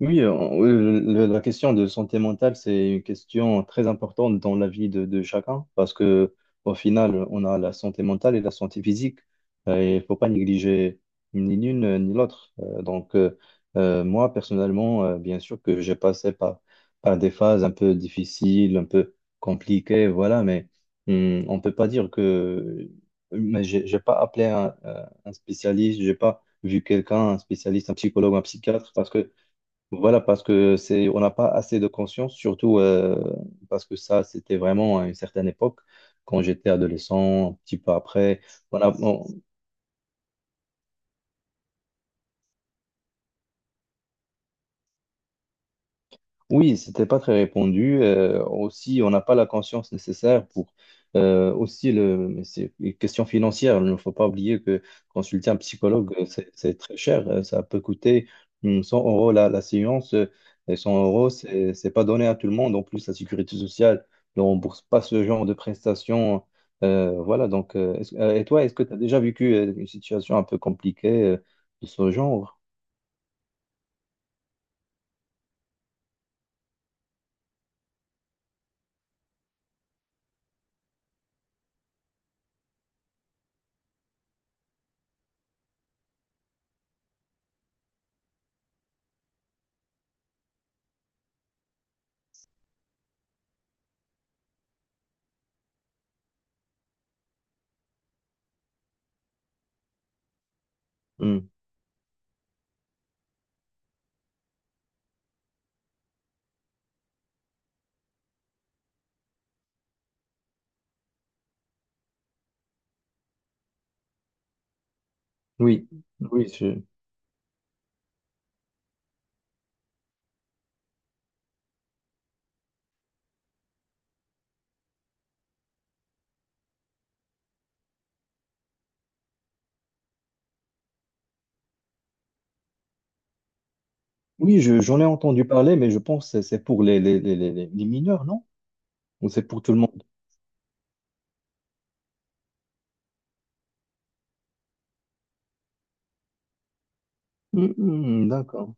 Oui, la question de santé mentale, c'est une question très importante dans la vie de chacun parce que au final, on a la santé mentale et la santé physique. Et il faut pas négliger ni l'une ni l'autre. Donc, moi, personnellement, bien sûr que j'ai passé par des phases un peu difficiles, un peu compliquées, voilà, mais on peut pas dire que. Mais j'ai pas appelé un spécialiste, j'ai pas vu quelqu'un, un spécialiste, un psychologue, un psychiatre parce que voilà, parce que c'est, on n'a pas assez de conscience, surtout parce que ça, c'était vraiment à une certaine époque, quand j'étais adolescent, un petit peu après. Voilà, oui, c'était pas très répandu. Aussi, on n'a pas la conscience nécessaire pour aussi le. Mais c'est une question financière. Il ne faut pas oublier que consulter un psychologue, c'est très cher. Ça peut coûter 100 € la séance. Et 100 euros, c'est pas donné à tout le monde. En plus, la sécurité sociale ne rembourse pas ce genre de prestations. Voilà. Donc, et toi, est-ce que tu as déjà vécu une situation un peu compliquée de ce genre? Hum. Oui, oui, oui, j'en ai entendu parler, mais je pense que c'est pour les mineurs, non? Ou c'est pour tout le monde? D'accord.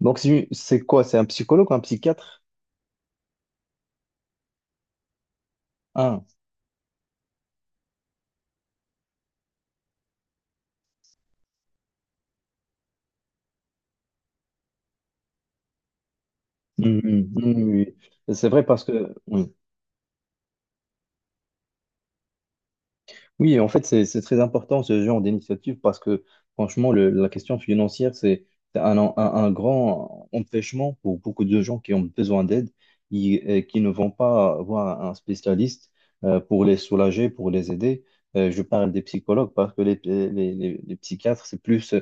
Donc, c'est quoi? C'est un psychologue ou un psychiatre? Ah, oui. C'est vrai parce que, oui. Oui, en fait, c'est très important ce genre d'initiative parce que franchement, la question financière, c'est c'est un grand empêchement pour beaucoup de gens qui ont besoin d'aide et qui ne vont pas voir un spécialiste pour les soulager, pour les aider. Je parle des psychologues parce que les psychiatres, c'est plus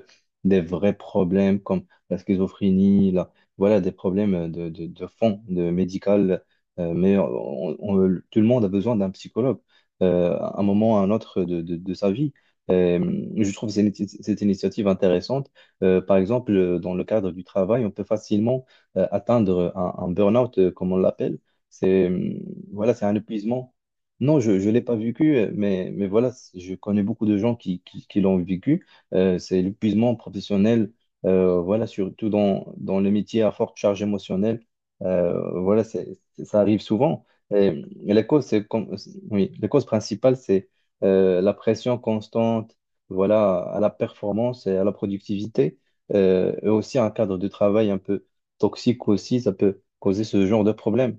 des vrais problèmes comme la schizophrénie, voilà, des problèmes de fond, de médical. Mais tout le monde a besoin d'un psychologue à un moment ou à un autre de sa vie. Euh, je trouve cette initiative intéressante. Par exemple, dans le cadre du travail, on peut facilement atteindre un burn-out, comme on l'appelle. C'est, voilà, c'est un épuisement. Non, je ne l'ai pas vécu, mais voilà, je connais beaucoup de gens qui l'ont vécu. C'est l'épuisement professionnel, voilà, surtout dans le métier à forte charge émotionnelle. Voilà, c'est, ça arrive souvent. Et les causes, c'est comme, oui, les causes principales, c'est la pression constante, voilà, à la performance et à la productivité, et aussi un cadre de travail un peu toxique aussi, ça peut causer ce genre de problème.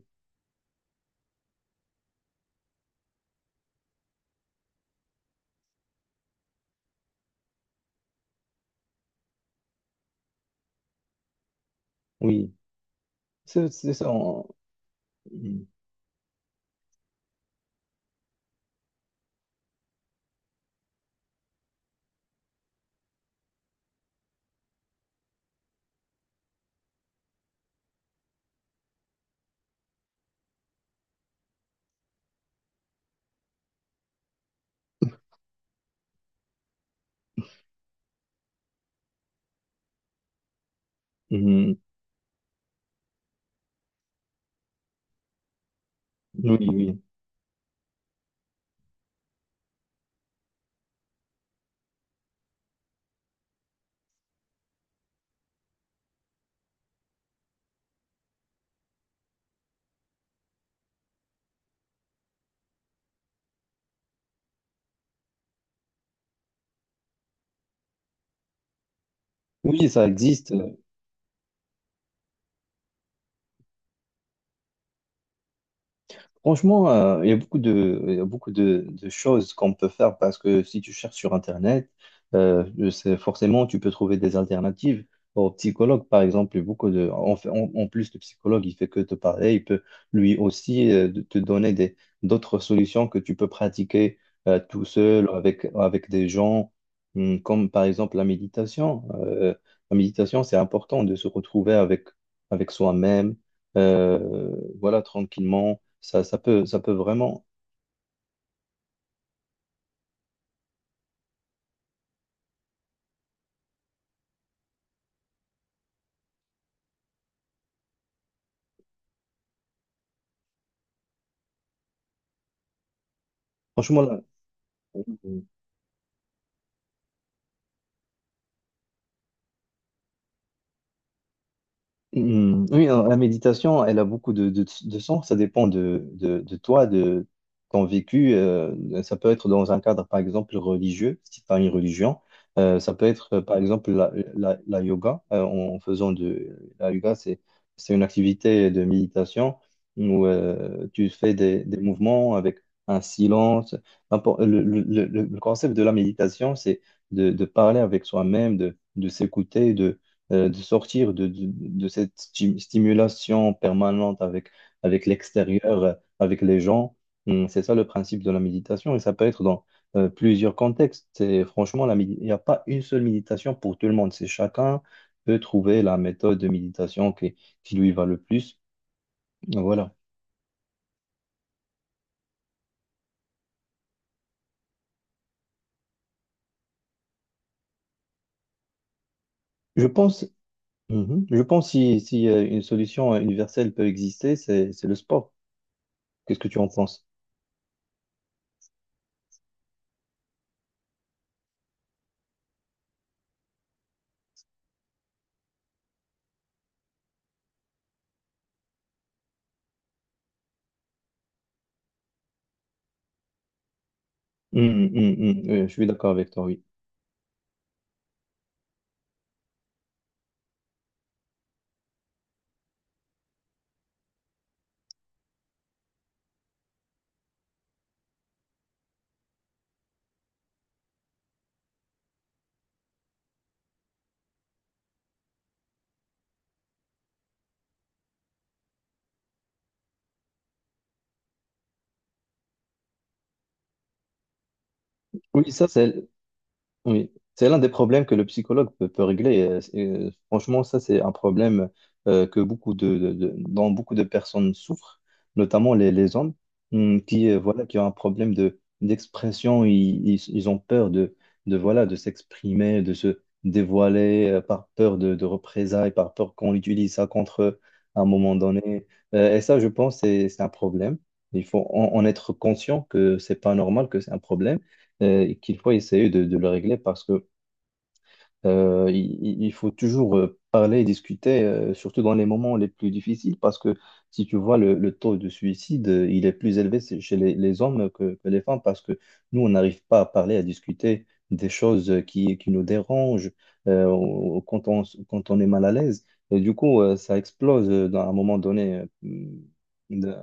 Oui, c'est ça. Mhm. Oui, oui. Oui, ça existe. Franchement, il y a beaucoup de choses qu'on peut faire parce que si tu cherches sur Internet, je forcément, tu peux trouver des alternatives au psychologue, par exemple. Il y a beaucoup de, en plus, le psychologue, il fait que te parler. Il peut lui aussi te donner des, d'autres solutions que tu peux pratiquer tout seul ou avec des gens, Comme par exemple la méditation. La méditation, c'est important de se retrouver avec soi-même, euh, voilà, tranquillement ça, ça peut vraiment. Franchement, là. euh, Hmm, oui, la méditation, elle a beaucoup de sens. Ça dépend de toi, de ton vécu. Ça peut être dans un cadre, par exemple, religieux, si tu as une religion. Ça peut être, par exemple, la yoga. En faisant de la yoga, c'est une activité de méditation où tu fais des mouvements avec un silence. Le concept de la méditation, c'est de parler avec soi-même, de s'écouter, de sortir de cette stimulation permanente avec l'extérieur, avec les gens. Hum. C'est ça le principe de la méditation et ça peut être dans plusieurs contextes. Et franchement, il n'y a pas une seule méditation pour tout le monde. C'est chacun peut trouver la méthode de méditation qui lui va le plus. Voilà. Je pense. Mhm. Je pense, si une solution universelle peut exister, c'est le sport. Qu'est-ce que tu en penses? Je suis d'accord avec toi, oui. Oui, ça, c'est. Oui, c'est l'un des problèmes que le psychologue peut régler. Franchement, ça, c'est un problème que beaucoup dont beaucoup de personnes souffrent, notamment les hommes, qui, voilà, qui ont un problème d'expression. Ils ont peur de, voilà, de s'exprimer, de se dévoiler, par peur de représailles, par peur qu'on utilise ça contre eux à un moment donné. Et ça, je pense, c'est un problème. Il faut en être conscient que c'est pas normal, que c'est un problème et qu'il faut essayer de le régler parce que il faut toujours parler et discuter, surtout dans les moments les plus difficiles, parce que si tu vois le taux de suicide, il est plus élevé chez les hommes que les femmes, parce que nous, on n'arrive pas à parler, à discuter des choses qui nous dérangent quand on est mal à l'aise. Et du coup, ça explose à un moment donné. euh,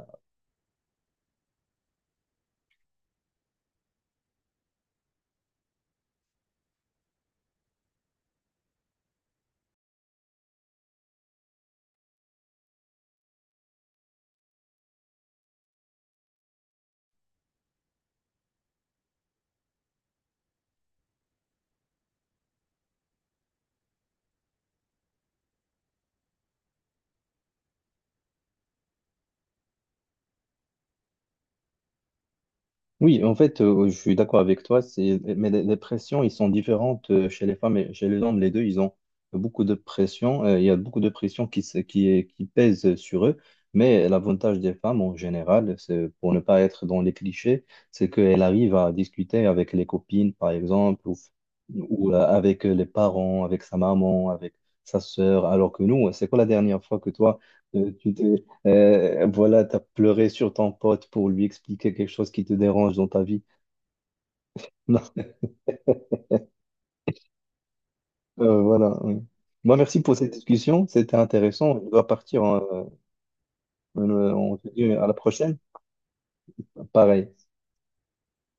Oui, en fait, je suis d'accord avec toi, c'est, mais les pressions, ils sont différentes chez les femmes et chez les hommes. Les deux, ils ont beaucoup de pression. Il y a beaucoup de pression qui, se- qui, est- qui pèse sur eux. Mais l'avantage des femmes, en général, c'est, pour ne pas être dans les clichés, c'est qu'elles arrivent à discuter avec les copines, par exemple, ou avec les parents, avec sa maman, avec sa sœur. Alors que nous, c'est quoi la dernière fois que toi, tu t'es voilà, t'as pleuré sur ton pote pour lui expliquer quelque chose qui te dérange dans ta vie. Non, voilà. Oui. Bon, merci pour cette discussion, c'était intéressant. Je dois partir. Hein. On se dit à la prochaine. Pareil.